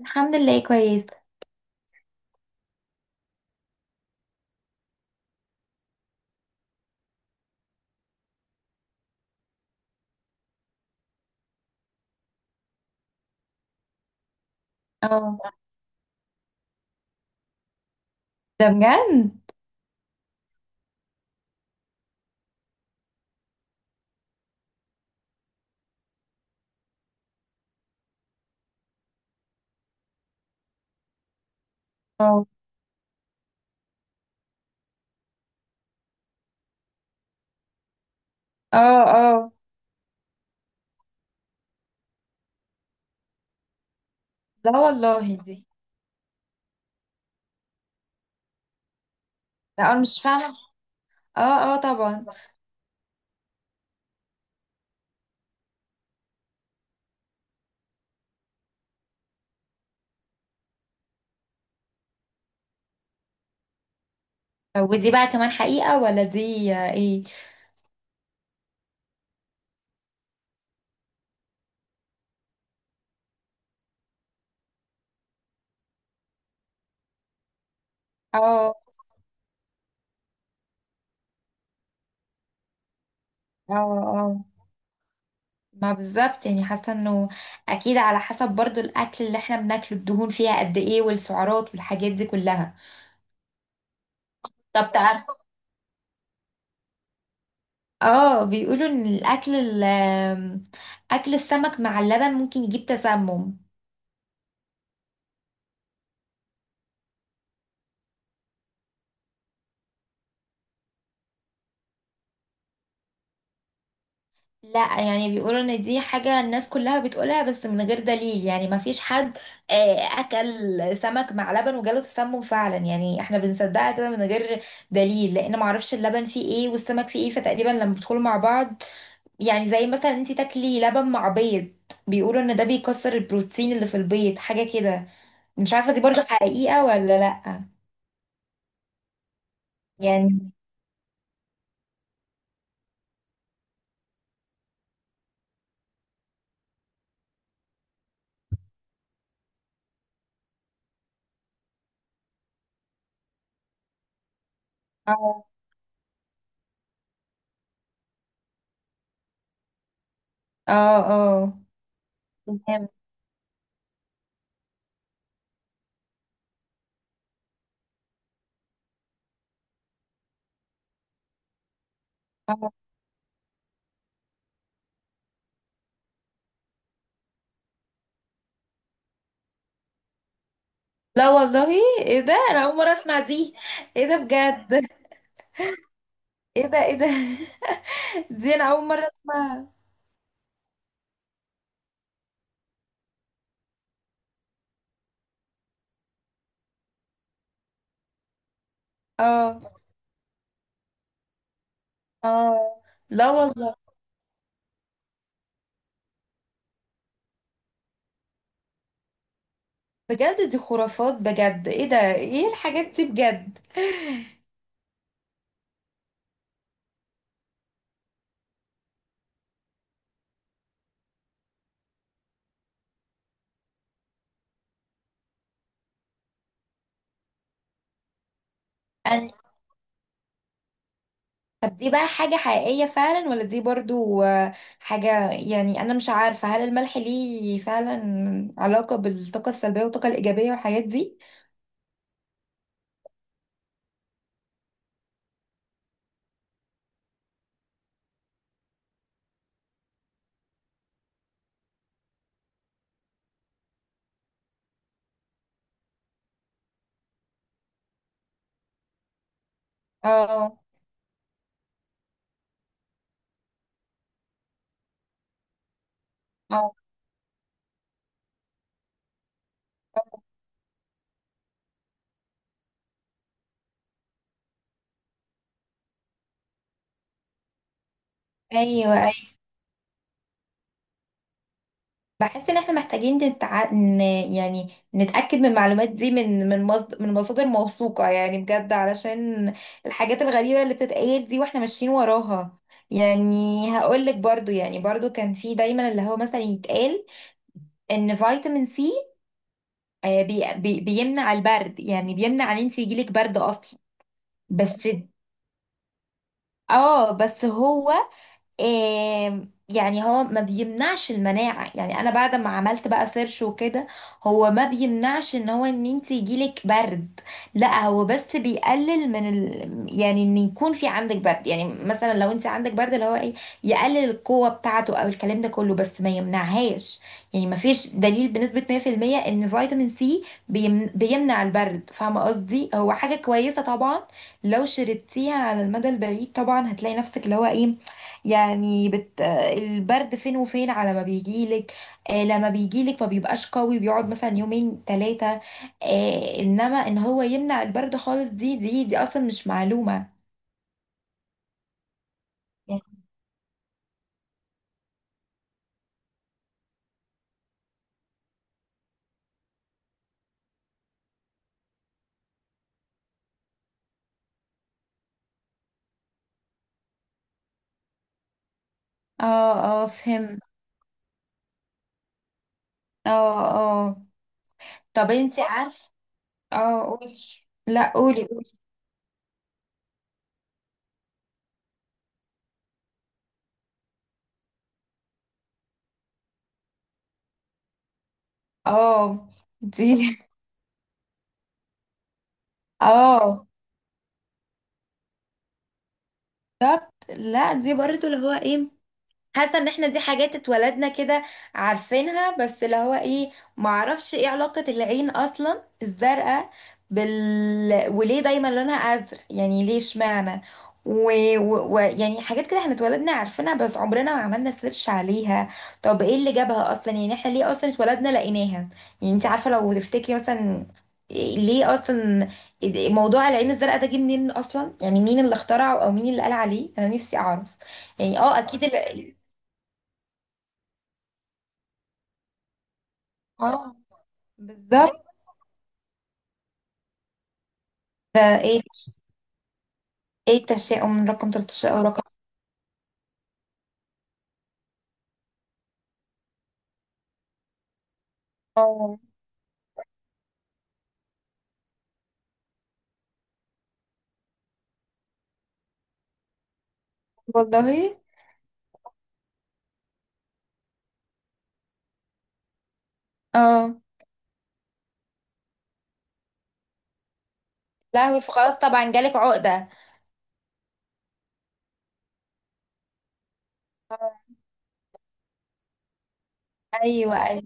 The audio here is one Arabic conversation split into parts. الحمد لله كويس. اه. ده بجد. اه، اه، اه. لا والله دي. لا انا مش فاهمه. اه، اه، طبعا. ودي بقى كمان حقيقه ولا دي ايه؟ اه، اه، اه. ما بالظبط، يعني حاسه انه اكيد على حسب برضو الاكل اللي احنا بناكله، الدهون فيها قد ايه والسعرات والحاجات دي كلها. طب تعرف؟ اه، بيقولوا ان اكل السمك مع اللبن ممكن يجيب تسمم. لا يعني بيقولوا ان دي حاجة الناس كلها بتقولها بس من غير دليل، يعني ما فيش حد اكل سمك مع لبن وجاله تسمم فعلا. يعني احنا بنصدقها كده من غير دليل، لان ما اعرفش اللبن فيه ايه والسمك فيه ايه، فتقريبا لما بيدخلوا مع بعض. يعني زي مثلا انت تاكلي لبن مع بيض، بيقولوا ان ده بيكسر البروتين اللي في البيض، حاجة كده. مش عارفة دي برضو حقيقة ولا لا. يعني اه، اه، اه، تمام. آه. لا والله، ايه ده؟ انا اول مرة اسمع دي. ايه ده بجد؟ ايه ده؟ ايه ده؟ دي انا اول مرة اسمعها. اه، اه. لا والله، بجد دي خرافات، بجد. ايه ده؟ ايه الحاجات دي بجد؟ أنا... طب دي بقى حاجة حقيقية فعلا ولا دي برضو حاجة؟ يعني انا مش عارفة هل الملح ليه فعلا علاقة بالطاقة السلبية والطاقة الإيجابية والحاجات دي. اه، اه. آه. ايوه، ايوه، بحس ان احنا محتاجين يعني نتأكد من المعلومات دي من مصادر موثوقة، يعني بجد، علشان الحاجات الغريبة اللي بتتقال دي واحنا ماشيين وراها. يعني هقولك برضو، يعني برضو كان في دايما اللي هو مثلا يتقال ان فيتامين سي بيمنع البرد، يعني بيمنع ان انت يجيلك برد اصلا. بس، اه بس هو، آم، يعني هو ما بيمنعش المناعة. يعني انا بعد ما عملت بقى سيرش وكده، هو ما بيمنعش ان هو ان انت يجيلك برد. لا هو بس بيقلل يعني ان يكون في عندك برد، يعني مثلا لو انت عندك برد اللي هو ايه يقلل القوة بتاعته او الكلام ده كله، بس ما يمنعهاش. يعني ما فيش دليل بنسبة 100% ان فيتامين سي بيمنع البرد، فاهمة قصدي؟ هو حاجة كويسة طبعا لو شربتيها على المدى البعيد، طبعا هتلاقي نفسك اللي هو ايه، يعني بت... البرد فين وفين على ما بيجيلك. آه لما بيجيلك ما بيبقاش قوي، بيقعد مثلا يومين ثلاثة. آه انما ان هو يمنع البرد خالص، دي اصلا مش معلومة. يعني اه، اه فهمت. اه، اه. طب انت عارف؟ اه قولي. لا قولي، قولي. اه دي. اه بالظبط، لا دي برضه اللي هو ايه، حاسه ان احنا دي حاجات اتولدنا كده عارفينها، بس اللي هو ايه معرفش ايه علاقه العين اصلا الزرقاء بال، وليه دايما لونها ازرق؟ يعني ليه؟ اشمعنى؟ ويعني يعني حاجات كده احنا اتولدنا عارفينها بس عمرنا ما عملنا سيرش عليها. طب ايه اللي جابها اصلا؟ يعني احنا ليه اصلا اتولدنا لقيناها؟ يعني انت عارفه لو تفتكري مثلا ليه اصلا موضوع العين الزرقاء ده جه منين اصلا؟ يعني مين اللي اخترعه او مين اللي قال عليه؟ انا نفسي اعرف. يعني اه اكيد. اه بالظبط. ده ايه؟ ايه التشاؤم من رقم 13 او رقم؟ اه والله. اه لا، هو خلاص طبعا جالك عقدة. اه، ايوه، ايوه.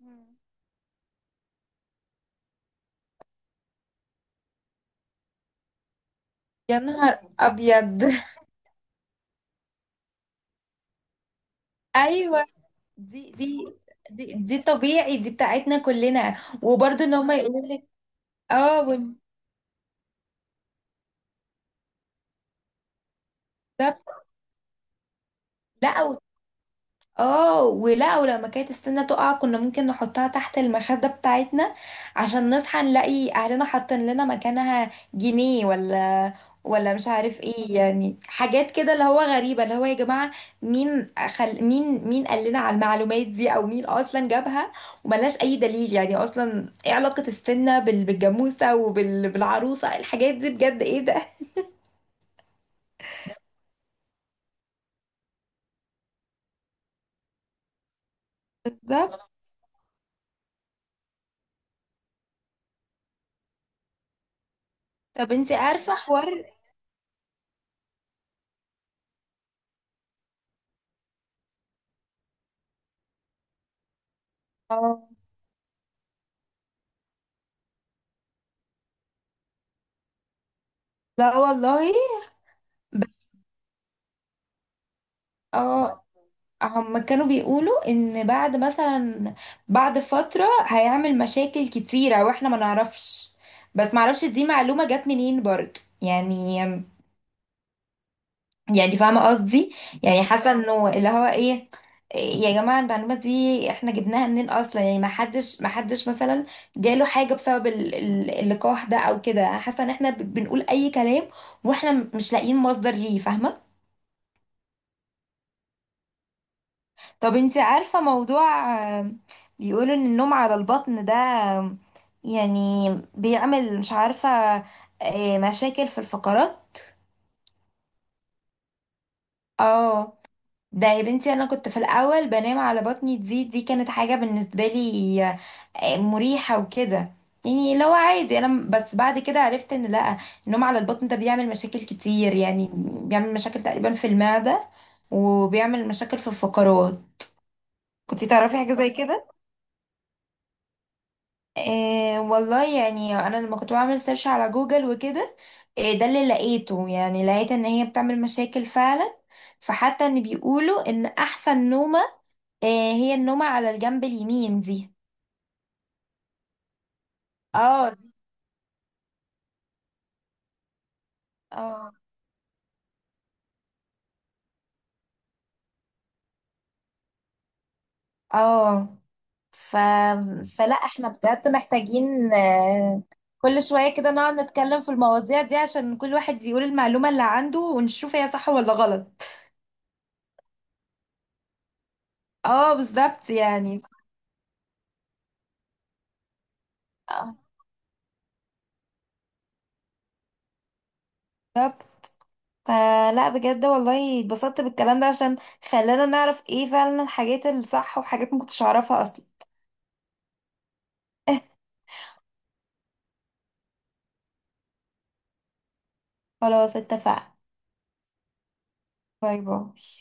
مم. يا نهار ابيض. ايوه. دي دي دي طبيعي، دي بتاعتنا كلنا. وبرضه ان هم يقولوا لك اه بالظبط. لا اه. ولا ولما كانت السنة تقع كنا ممكن نحطها تحت المخدة بتاعتنا عشان نصحى نلاقي اهلنا حاطين لنا مكانها جنيه، ولا ولا مش عارف ايه. يعني حاجات كده اللي هو غريبة، اللي هو يا جماعة مين قال لنا على المعلومات دي او مين اصلا جابها؟ وملهاش اي دليل، يعني اصلا ايه علاقة السنة بالجاموسة بالعروسة؟ إيه الحاجات دي بجد؟ ايه ده؟ بالظبط. طب انتي عارفة حوار؟ اه. لا والله. اه. هم كانوا بيقولوا ان بعد مثلا بعد فترة هيعمل مشاكل كتيرة واحنا ما نعرفش، بس ما اعرفش دي معلومة جت منين برضو. يعني يعني فاهمة قصدي؟ يعني حاسة انه اللي هو ايه، إيه يا جماعة المعلومة دي احنا جبناها منين اصلا؟ يعني ما حدش مثلا جاله حاجة بسبب اللقاح ده او كده. حاسة ان احنا بنقول اي كلام واحنا مش لاقيين مصدر ليه، فاهمة؟ طب انتي عارفة موضوع آم، بيقولوا ان النوم على البطن ده يعني بيعمل، مش عارفة، مشاكل في الفقرات. اه ده يا بنتي انا كنت في الاول بنام على بطني، دي كانت حاجة بالنسبة لي مريحة وكده. يعني لو عادي انا بس بعد كده عرفت ان لا، النوم على البطن ده بيعمل مشاكل كتير، يعني بيعمل مشاكل تقريبا في المعدة وبيعمل مشاكل في الفقرات. كنتي تعرفي حاجة زي كده؟ إيه والله. يعني انا لما كنت بعمل سيرش على جوجل وكده، إيه ده اللي لقيته؟ يعني لقيت ان هي بتعمل مشاكل فعلا. فحتى ان بيقولوا ان احسن نومة إيه، هي النومة على الجنب اليمين دي. اه اه اه ف... فلا احنا بجد محتاجين كل شوية كده نقعد نتكلم في المواضيع دي عشان كل واحد يقول المعلومة اللي عنده ونشوف هي صح ولا غلط. اه بالظبط، يعني آه، بالظبط. فلا بجد والله اتبسطت بالكلام ده عشان خلانا نعرف ايه فعلا الحاجات الصح وحاجات ما كنتش اعرفها اصلا. خلاص اتفقنا. باي باي.